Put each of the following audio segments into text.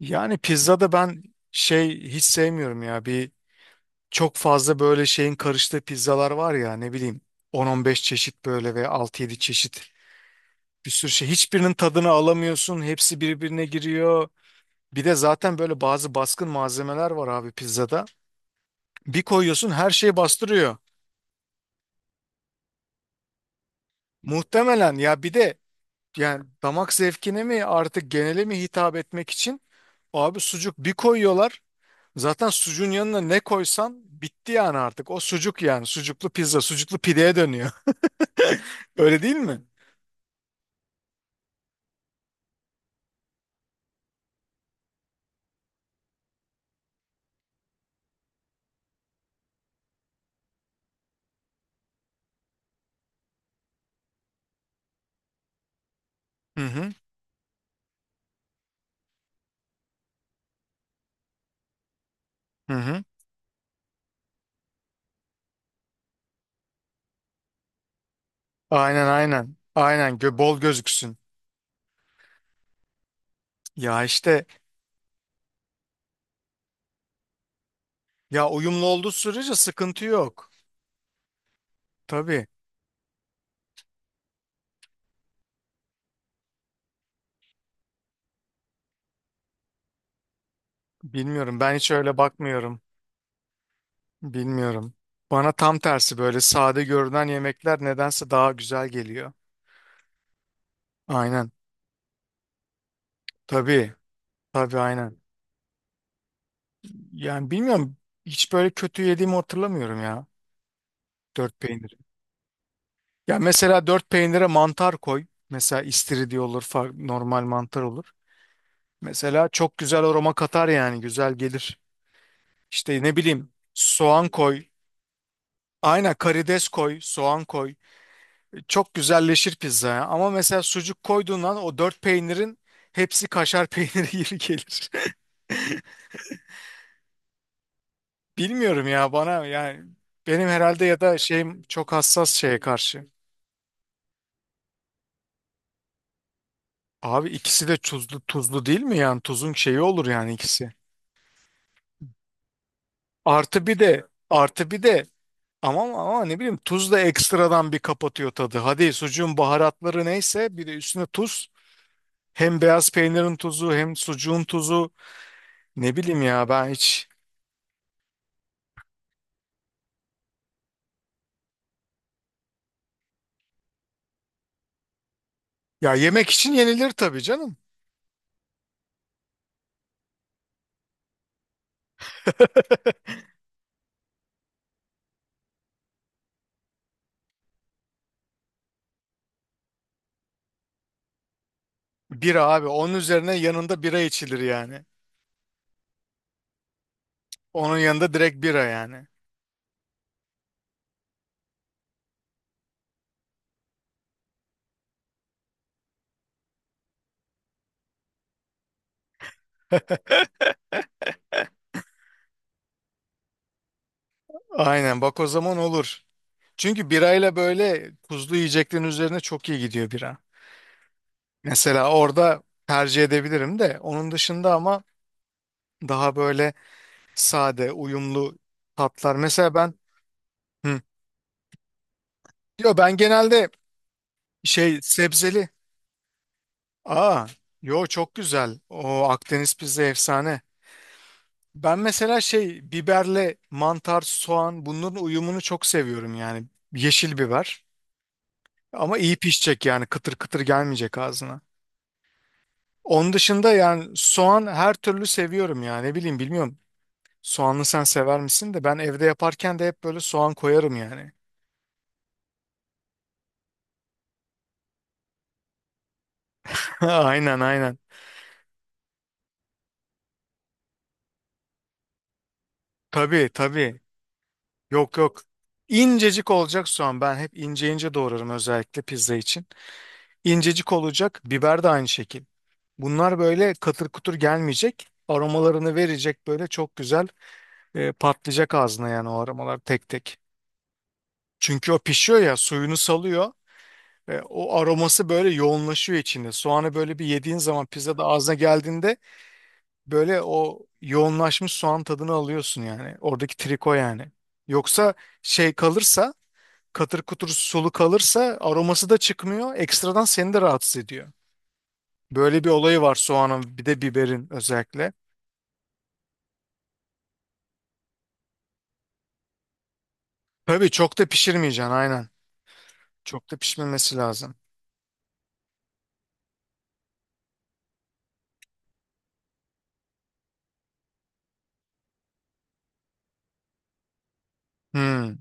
Yani pizzada ben şey hiç sevmiyorum ya. Çok fazla böyle şeyin karıştığı pizzalar var ya ne bileyim 10-15 çeşit böyle ve altı yedi çeşit bir sürü şey. Hiçbirinin tadını alamıyorsun. Hepsi birbirine giriyor. Bir de zaten böyle bazı baskın malzemeler var abi pizzada. Bir koyuyorsun her şeyi bastırıyor. Muhtemelen ya bir de yani damak zevkine mi artık genele mi hitap etmek için abi sucuk bir koyuyorlar. Zaten sucuğun yanına ne koysan bitti yani artık. O sucuk yani. Sucuklu pizza, sucuklu pideye dönüyor. Öyle değil mi? Hı hı. Hı hı. Aynen aynen. Aynen bol gözüksün. Ya işte ya uyumlu olduğu sürece sıkıntı yok. Tabii bilmiyorum. Ben hiç öyle bakmıyorum. Bilmiyorum. Bana tam tersi böyle sade görünen yemekler nedense daha güzel geliyor. Aynen. Tabii. Tabii aynen. Yani bilmiyorum. Hiç böyle kötü yediğimi hatırlamıyorum ya. Dört peynir. Ya mesela dört peynire mantar koy. Mesela istiridye olur, normal mantar olur. Mesela çok güzel aroma katar yani güzel gelir. İşte ne bileyim soğan koy. Aynen karides koy, soğan koy. Çok güzelleşir pizza ya. Ama mesela sucuk koyduğun an o dört peynirin hepsi kaşar peyniri gibi gelir. Bilmiyorum ya bana yani benim herhalde ya da şeyim çok hassas şeye karşı. Abi ikisi de tuzlu tuzlu değil mi yani tuzun şeyi olur yani ikisi. Artı bir de Ama, ama ne bileyim tuz da ekstradan bir kapatıyor tadı. Hadi sucuğun baharatları neyse bir de üstüne tuz. Hem beyaz peynirin tuzu hem sucuğun tuzu. Ne bileyim ya ben hiç. Ya yemek için yenilir tabii canım. Bira abi onun üzerine yanında bira içilir yani. Onun yanında direkt bira yani. Aynen bak o zaman olur. Çünkü birayla böyle tuzlu yiyeceklerin üzerine çok iyi gidiyor bira. Mesela orada tercih edebilirim de onun dışında ama daha böyle sade, uyumlu tatlar. Mesela ben hı. Yo ben genelde şey sebzeli. Aa, yo çok güzel. O Akdeniz pizza efsane. Ben mesela şey biberle mantar, soğan bunların uyumunu çok seviyorum yani. Yeşil biber. Ama iyi pişecek yani kıtır kıtır gelmeyecek ağzına. Onun dışında yani soğan her türlü seviyorum yani ne bileyim bilmiyorum. Soğanlı sen sever misin de ben evde yaparken de hep böyle soğan koyarım yani. Aynen aynen. Tabii tabii. Yok yok. İncecik olacak soğan. Ben hep ince ince doğrarım özellikle pizza için. İncecik olacak. Biber de aynı şekil. Bunlar böyle katır kutur gelmeyecek. Aromalarını verecek böyle çok güzel patlayacak ağzına yani o aromalar tek tek. Çünkü o pişiyor ya suyunu salıyor. O aroması böyle yoğunlaşıyor içinde. Soğanı böyle bir yediğin zaman pizzada ağzına geldiğinde böyle o yoğunlaşmış soğan tadını alıyorsun yani. Oradaki triko yani. Yoksa şey kalırsa katır kutur sulu kalırsa aroması da çıkmıyor. Ekstradan seni de rahatsız ediyor. Böyle bir olayı var soğanın bir de biberin özellikle. Tabii çok da pişirmeyeceksin aynen. Çok da pişmemesi lazım. Hmm.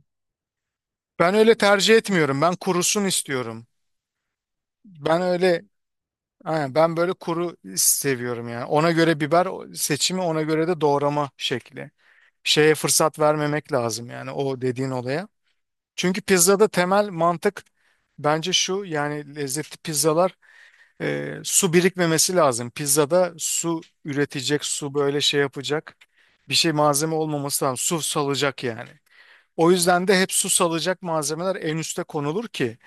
Ben öyle tercih etmiyorum. Ben kurusun istiyorum. Ben öyle aynen, ben böyle kuru seviyorum yani. Ona göre biber seçimi ona göre de doğrama şekli. Şeye fırsat vermemek lazım yani o dediğin olaya. Çünkü pizzada temel mantık bence şu yani lezzetli pizzalar. Su birikmemesi lazım. Pizzada su üretecek, su böyle şey yapacak bir şey malzeme olmaması lazım. Su salacak yani. O yüzden de hep su salacak malzemeler en üste konulur ki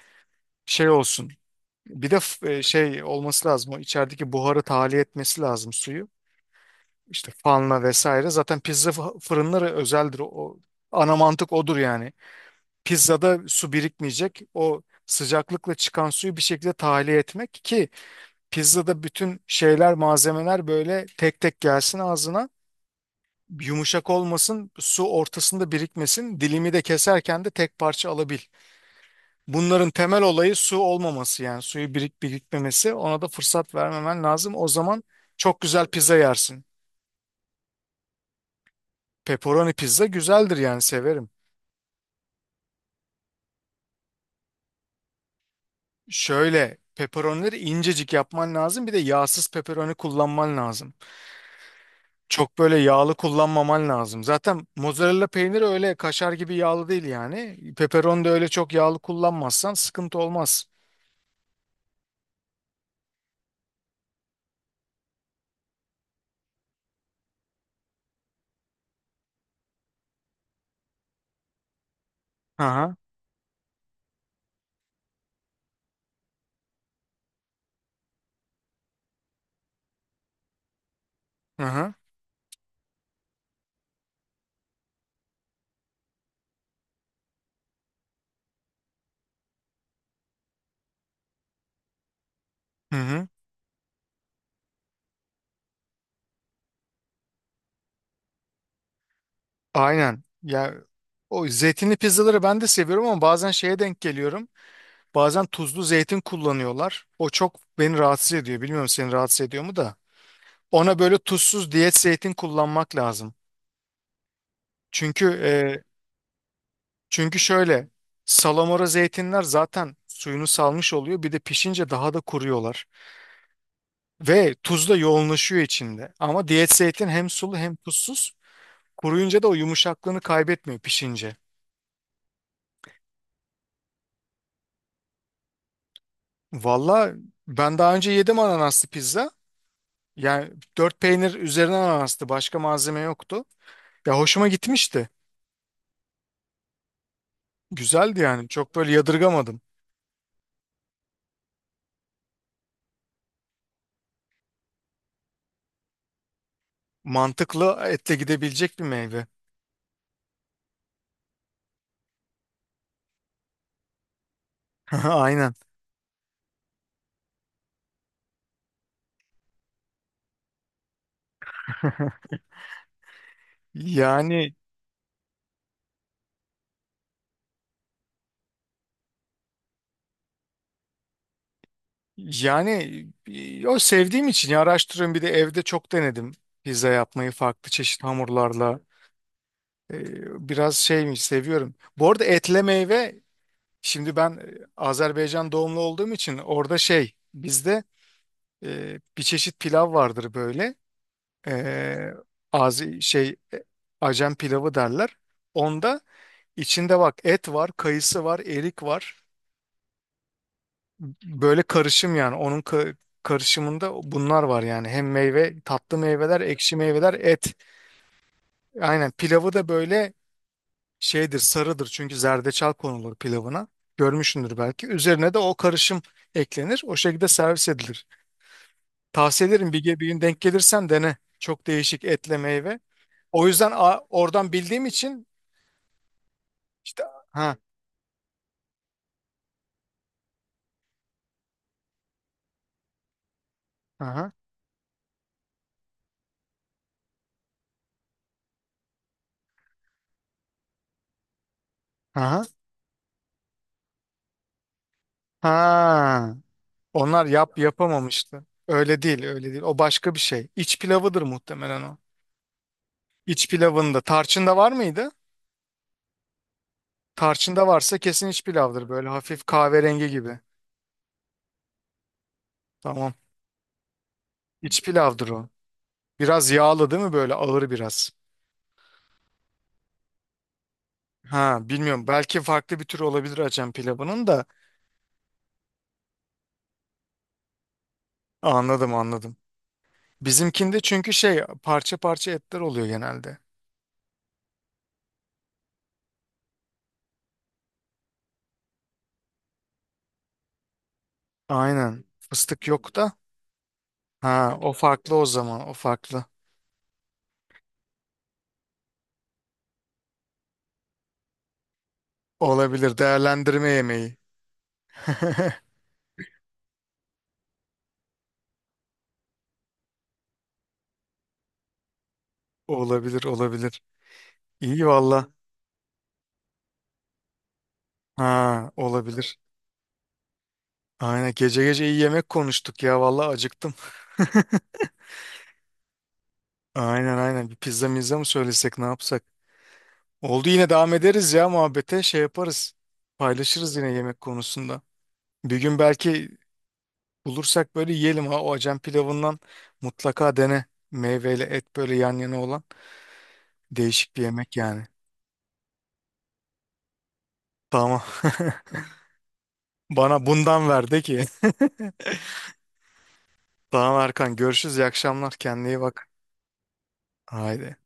şey olsun. Bir de şey olması lazım. O içerideki buharı tahliye etmesi lazım suyu. İşte fanla vesaire. Zaten pizza fırınları özeldir. O ana mantık odur yani. Pizzada su birikmeyecek. O sıcaklıkla çıkan suyu bir şekilde tahliye etmek ki pizzada bütün şeyler, malzemeler böyle tek tek gelsin ağzına. Yumuşak olmasın, su ortasında birikmesin. Dilimi de keserken de tek parça alabil. Bunların temel olayı su olmaması yani suyu birikmemesi. Ona da fırsat vermemen lazım. O zaman çok güzel pizza yersin. Pepperoni pizza güzeldir yani severim. Şöyle pepperonileri incecik yapman lazım. Bir de yağsız pepperoni kullanman lazım. Çok böyle yağlı kullanmaman lazım. Zaten mozzarella peyniri öyle kaşar gibi yağlı değil yani. Pepperoni de öyle çok yağlı kullanmazsan sıkıntı olmaz. Aha, aha, hı hı. Aynen. Ya o zeytinli pizzaları ben de seviyorum ama bazen şeye denk geliyorum. Bazen tuzlu zeytin kullanıyorlar. O çok beni rahatsız ediyor. Bilmiyorum seni rahatsız ediyor mu da. Ona böyle tuzsuz diyet zeytin kullanmak lazım. Çünkü şöyle salamura zeytinler zaten suyunu salmış oluyor. Bir de pişince daha da kuruyorlar. Ve tuz da yoğunlaşıyor içinde. Ama diyet zeytin hem sulu hem tuzsuz. Kuruyunca da o yumuşaklığını kaybetmiyor pişince. Valla ben daha önce yedim ananaslı pizza. Yani dört peynir üzerine ananastı. Başka malzeme yoktu. Ya hoşuma gitmişti. Güzeldi yani. Çok böyle yadırgamadım. Mantıklı etle gidebilecek bir meyve. Aynen. Yani yani o sevdiğim için ya araştırıyorum bir de evde çok denedim pizza yapmayı farklı çeşit hamurlarla. Biraz şeymiş seviyorum. Bu arada etle meyve şimdi ben Azerbaycan doğumlu olduğum için orada şey bizde bir çeşit pilav vardır böyle e, az şey Acem pilavı derler. Onda içinde bak et var, kayısı var, erik var. Böyle karışım yani onun karışımında bunlar var yani hem meyve tatlı meyveler ekşi meyveler et aynen pilavı da böyle şeydir sarıdır çünkü zerdeçal konulur pilavına görmüşsündür belki üzerine de o karışım eklenir o şekilde servis edilir tavsiye ederim bir gün denk gelirsen dene çok değişik etle meyve o yüzden oradan bildiğim için işte ha ha ha ha. Onlar yapamamıştı. Öyle değil, öyle değil. O başka bir şey. İç pilavıdır muhtemelen o. İç pilavında. Tarçında var mıydı? Tarçında varsa kesin iç pilavdır. Böyle hafif kahverengi gibi. Tamam. İç pilavdır o. Biraz yağlı değil mi? Böyle ağır biraz. Ha, bilmiyorum. Belki farklı bir tür olabilir Acem pilavının da. Anladım, anladım. Bizimkinde çünkü şey parça parça etler oluyor genelde. Aynen. Fıstık yok da. Ha, o farklı o zaman. O farklı. Olabilir. Değerlendirme yemeği. Olabilir olabilir. İyi valla. Ha olabilir. Aynen gece gece iyi yemek konuştuk ya valla acıktım. Aynen aynen, bir pizza mizza mı söylesek ne yapsak? Oldu yine devam ederiz ya muhabbete şey yaparız. Paylaşırız yine yemek konusunda. Bir gün belki bulursak böyle yiyelim ha o Acem pilavından mutlaka dene. Meyveyle et böyle yan yana olan değişik bir yemek yani. Tamam. Bana bundan ver de ki. Tamam Erkan, görüşürüz, iyi akşamlar, kendine iyi bak. Haydi.